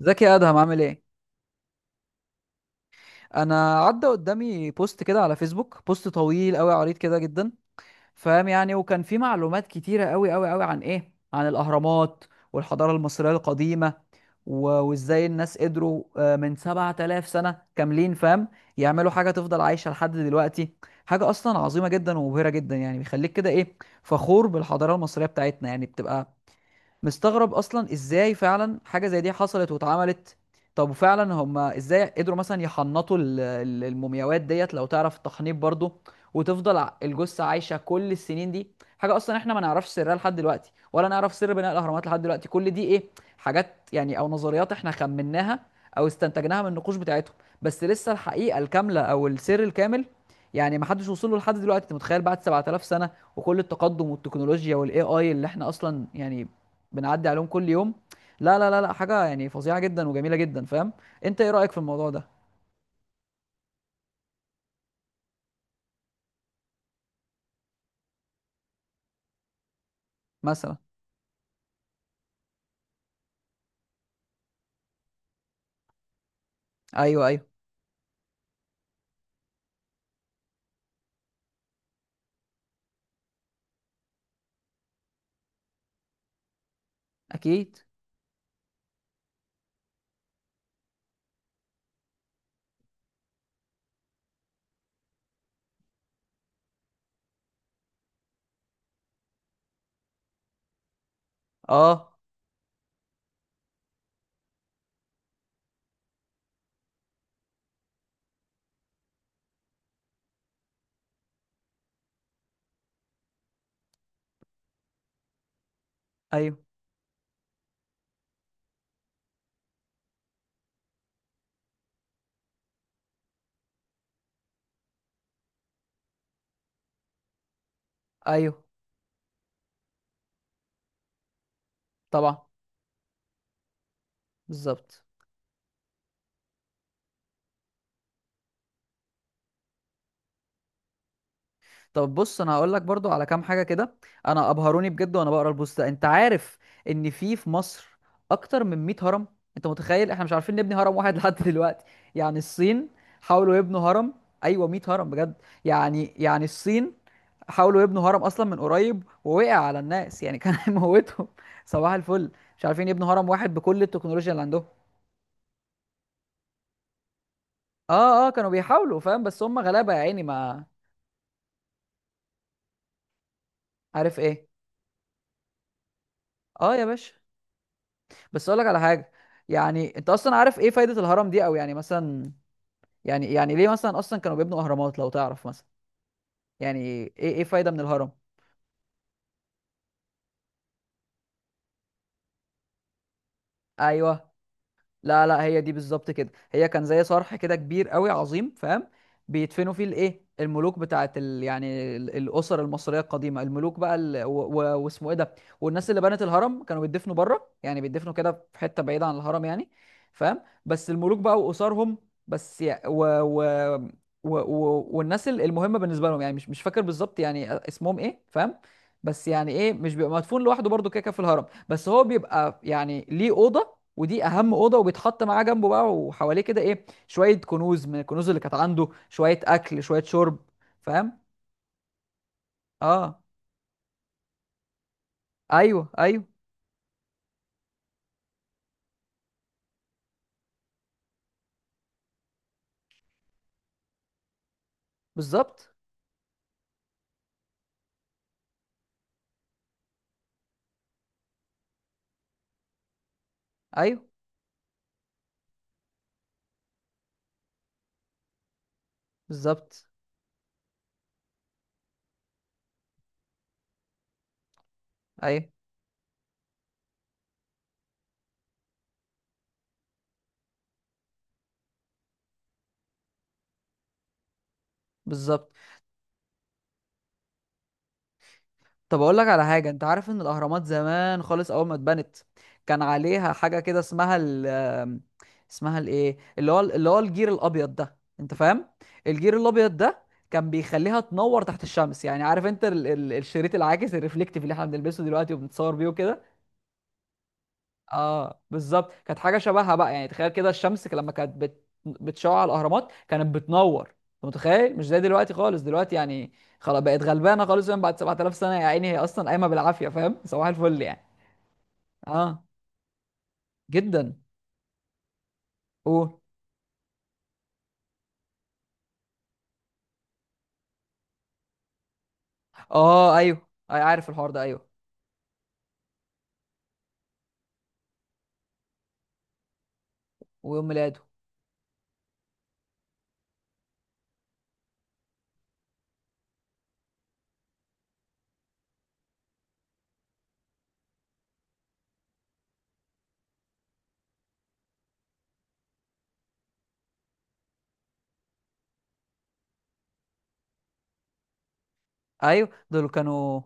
ازيك يا ادهم عامل ايه؟ انا عدى قدامي بوست كده على فيسبوك, بوست طويل قوي عريض كده جدا, فاهم يعني, وكان فيه معلومات كتيره قوي قوي قوي عن ايه, عن الاهرامات والحضاره المصريه القديمه. و- وازاي الناس قدروا, من 7000 سنه كاملين, فاهم, يعملوا حاجه تفضل عايشه لحد دلوقتي. حاجه اصلا عظيمه جدا ومبهره جدا, يعني بيخليك كده ايه, فخور بالحضاره المصريه بتاعتنا, يعني بتبقى مستغرب اصلا ازاي فعلا حاجه زي دي حصلت واتعملت. طب وفعلا هم ازاي قدروا مثلا يحنطوا المومياوات ديت, لو تعرف التحنيط برضو, وتفضل الجثه عايشه كل السنين دي. حاجه اصلا احنا ما نعرفش سرها لحد دلوقتي, ولا نعرف سر بناء الاهرامات لحد دلوقتي, كل دي ايه, حاجات يعني او نظريات احنا خمناها او استنتجناها من النقوش بتاعتهم, بس لسه الحقيقه الكامله او السر الكامل يعني ما حدش وصل له لحد دلوقتي. انت متخيل بعد 7000 سنه وكل التقدم والتكنولوجيا والاي اي اللي احنا اصلا يعني بنعدي عليهم كل يوم؟ لا لا لا لا, حاجه يعني فظيعه جدا وجميله جدا, فاهم. انت ايه رايك في الموضوع ده؟ مثلا. ايوه ايوه. اكيد. اه. ايوه ايوه. طبعا. بالظبط. طب بص, انا هقول لك برضو على كام حاجه كده. انا ابهروني بجد وانا بقرا البوست ده. انت عارف ان في مصر اكتر من 100 هرم؟ انت متخيل احنا مش عارفين نبني هرم واحد لحد دلوقتي؟ يعني الصين حاولوا يبنوا هرم. ايوه, 100 هرم بجد. يعني الصين حاولوا يبنوا هرم اصلا من قريب ووقع على الناس, يعني كان هيموتهم. صباح الفل, مش عارفين يبنوا هرم واحد بكل التكنولوجيا اللي عندهم. اه اه, كانوا بيحاولوا, فاهم, بس هم غلابه يا عيني. ما عارف ايه. اه يا باشا, بس اقول لك على حاجه. يعني انت اصلا عارف ايه فايده الهرم دي, او يعني مثلا يعني ليه مثلا اصلا كانوا بيبنوا اهرامات؟ لو تعرف مثلا يعني ايه ايه فايده من الهرم. ايوه. لا لا, هي دي بالظبط كده, هي كان زي صرح كده كبير قوي عظيم, فاهم, بيدفنوا فيه الايه, الملوك بتاعت ال... يعني الاسر المصريه القديمه, الملوك بقى ال... و... و... واسمه ايه ده, والناس اللي بنت الهرم كانوا بيدفنوا بره, يعني بيدفنوا كده في حته بعيده عن الهرم يعني, فاهم, بس الملوك بقى واسرهم. بس يع- و... و... و... و... والناس المهمه بالنسبه لهم, يعني مش فاكر بالظبط يعني اسمهم ايه, فاهم, بس يعني ايه, مش بيبقى مدفون لوحده برضه كده كده في الهرم, بس هو بيبقى يعني ليه اوضه, ودي اهم اوضه, وبيتحط معاه جنبه بقى وحواليه كده ايه, شويه كنوز من الكنوز اللي كانت عنده, شويه اكل شويه شرب, فاهم. اه ايوه ايوه. بالظبط. ايوه. بالظبط. ايوه. بالظبط. طب اقول لك على حاجه, انت عارف ان الاهرامات زمان خالص اول ما اتبنت كان عليها حاجه كده اسمها ال آم، اسمها الايه, اللي هو اللي هو الجير الابيض ده, انت فاهم, الجير الابيض ده كان بيخليها تنور تحت الشمس. يعني عارف انت ال ال الشريط العاكس الريفليكتيف اللي احنا بنلبسه دلوقتي وبنتصور بيه وكده؟ اه بالظبط, كانت حاجه شبهها بقى. يعني تخيل كده الشمس لما كانت بتشع على الاهرامات كانت بتنور, انت متخيل, مش زي دلوقتي خالص. دلوقتي يعني خلاص بقت غلبانه خالص, يعني بعد 7000 سنه يا عيني هي اصلا قايمه بالعافيه, فاهم, صباح الفل يعني. اه, جدا. قول. اه ايوه, اي عارف الحوار ده, ايوه. ويوم ميلاده. ايوه دول كانوا,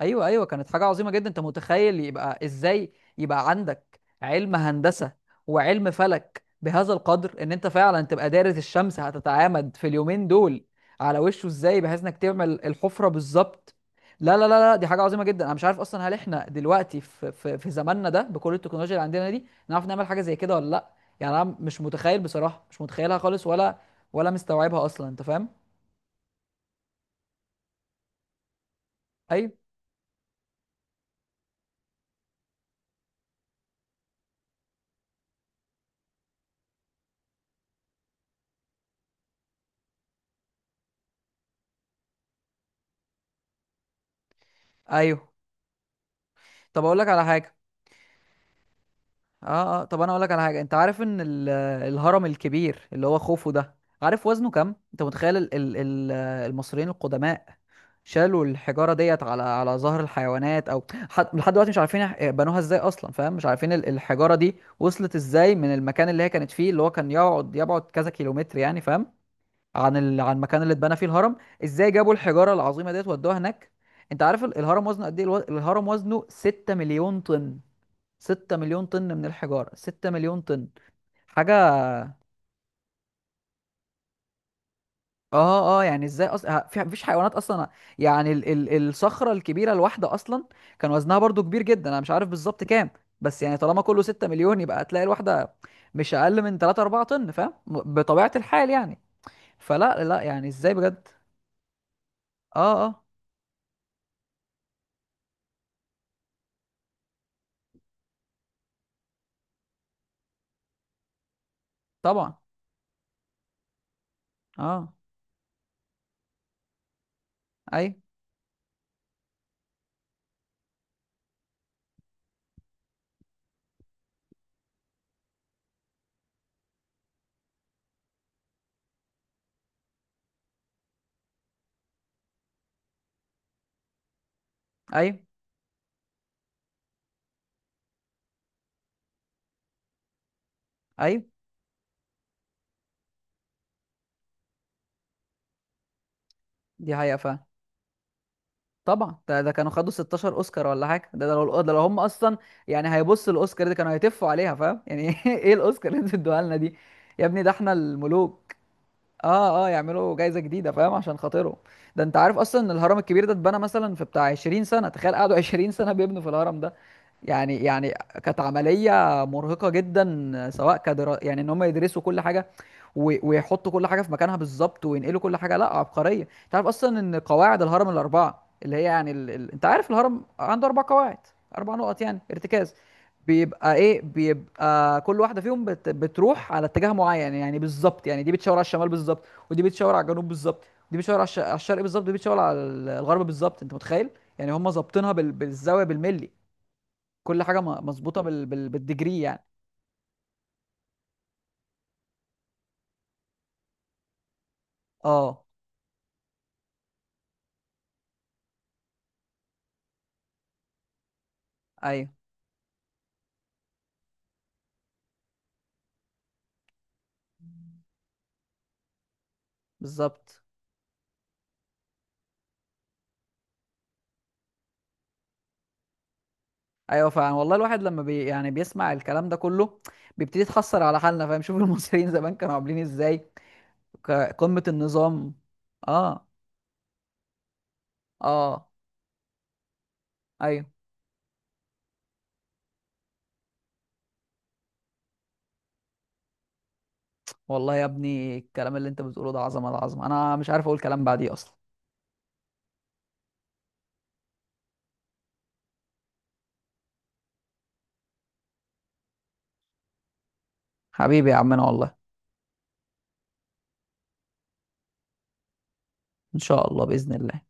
ايوه ايوه, كانت حاجه عظيمه جدا. انت متخيل يبقى ازاي يبقى عندك علم هندسه وعلم فلك بهذا القدر ان انت فعلا تبقى دارس الشمس هتتعامد في اليومين دول على وشه ازاي بحيث انك تعمل الحفره بالظبط؟ لا لا لا لا, دي حاجه عظيمه جدا. انا مش عارف اصلا, هل احنا دلوقتي في زماننا ده بكل التكنولوجيا اللي عندنا دي نعرف نعمل حاجه زي كده ولا لا؟ يعني انا مش متخيل بصراحه, مش متخيلها خالص ولا ولا مستوعبها اصلا, انت فاهم. ايوه ايوه. طب اقول لك على حاجه, اه اه, طب انا اقول لك على حاجه, انت عارف ان الهرم الكبير اللي هو خوفو ده, عارف وزنه كام؟ انت متخيل ال ال ال المصريين القدماء شالوا الحجاره ديت على على ظهر الحيوانات؟ او حد لحد دلوقتي مش عارفين بنوها ازاي اصلا, فاهم, مش عارفين الحجاره دي وصلت ازاي من المكان اللي هي كانت فيه, اللي هو كان يقعد يبعد كذا كيلومتر يعني, فاهم, عن ال عن المكان اللي اتبنى فيه الهرم. ازاي جابوا الحجاره العظيمه ديت ودوها هناك؟ انت عارف الهرم وزنه قد ايه؟ الهرم وزنه 6 مليون طن. 6 مليون طن من الحجارة, 6 مليون طن حاجة. اه اه, يعني ازاي اصلا, في مفيش حيوانات اصلا. يعني ال ال الصخرة الكبيرة الواحدة اصلا كان وزنها برضو كبير جدا, انا مش عارف بالظبط كام, بس يعني طالما كله 6 مليون يبقى هتلاقي الواحدة مش اقل من 3 4 طن, فاهم, بطبيعة الحال يعني. فلا لا, يعني ازاي بجد؟ اه اه. طبعا. اه ايوه ايوه ايوه, دي حقيقة فعلا. طبعا ده كانوا خدوا 16 اوسكار ولا حاجه. ده ده لو هم اصلا يعني هيبصوا الاوسكار دي كانوا هيتفوا عليها, فاهم, يعني ايه الاوسكار اللي انتوا ادوها لنا دي؟ يا ابني ده احنا الملوك. اه اه, يعملوا جايزه جديده, فاهم, عشان خاطرهم. ده انت عارف اصلا ان الهرم الكبير ده اتبنى مثلا في بتاع 20 سنه؟ تخيل قعدوا 20 سنه بيبنوا في الهرم ده. يعني يعني كانت عمليه مرهقه جدا, سواء كدرا يعني ان هم يدرسوا كل حاجه, ويحطوا كل حاجه في مكانها بالظبط, وينقلوا كل حاجه. لا عبقريه. انت عارف اصلا ان قواعد الهرم الاربعه اللي هي يعني ال... ال... انت عارف الهرم عنده اربع قواعد, اربع نقط يعني ارتكاز, بيبقى ايه, بيبقى كل واحده فيهم بتروح على اتجاه معين, يعني بالظبط, يعني دي بتشاور على الشمال بالظبط, ودي بتشاور على الجنوب بالظبط, ودي بتشاور على, على الشرق بالظبط, ودي بتشاور على الغرب بالظبط, انت متخيل؟ يعني هم ظابطينها بال... بالزاويه بالملي, كل حاجه مظبوطه بال... بال... بالديجري يعني. اه ايوه بالظبط. ايوه فعلا والله, الواحد لما يعني بيسمع الكلام ده كله بيبتدي يتحسر على حالنا, فاهم, شوف المصريين زمان كانوا عاملين ازاي. قمة النظام. اه. اه. ايوه. والله يا ابني الكلام اللي انت بتقوله ده عظمة العظمة, انا مش عارف اقول كلام بعديه اصلا. حبيبي يا عمنا والله, ان شاء الله بإذن الله.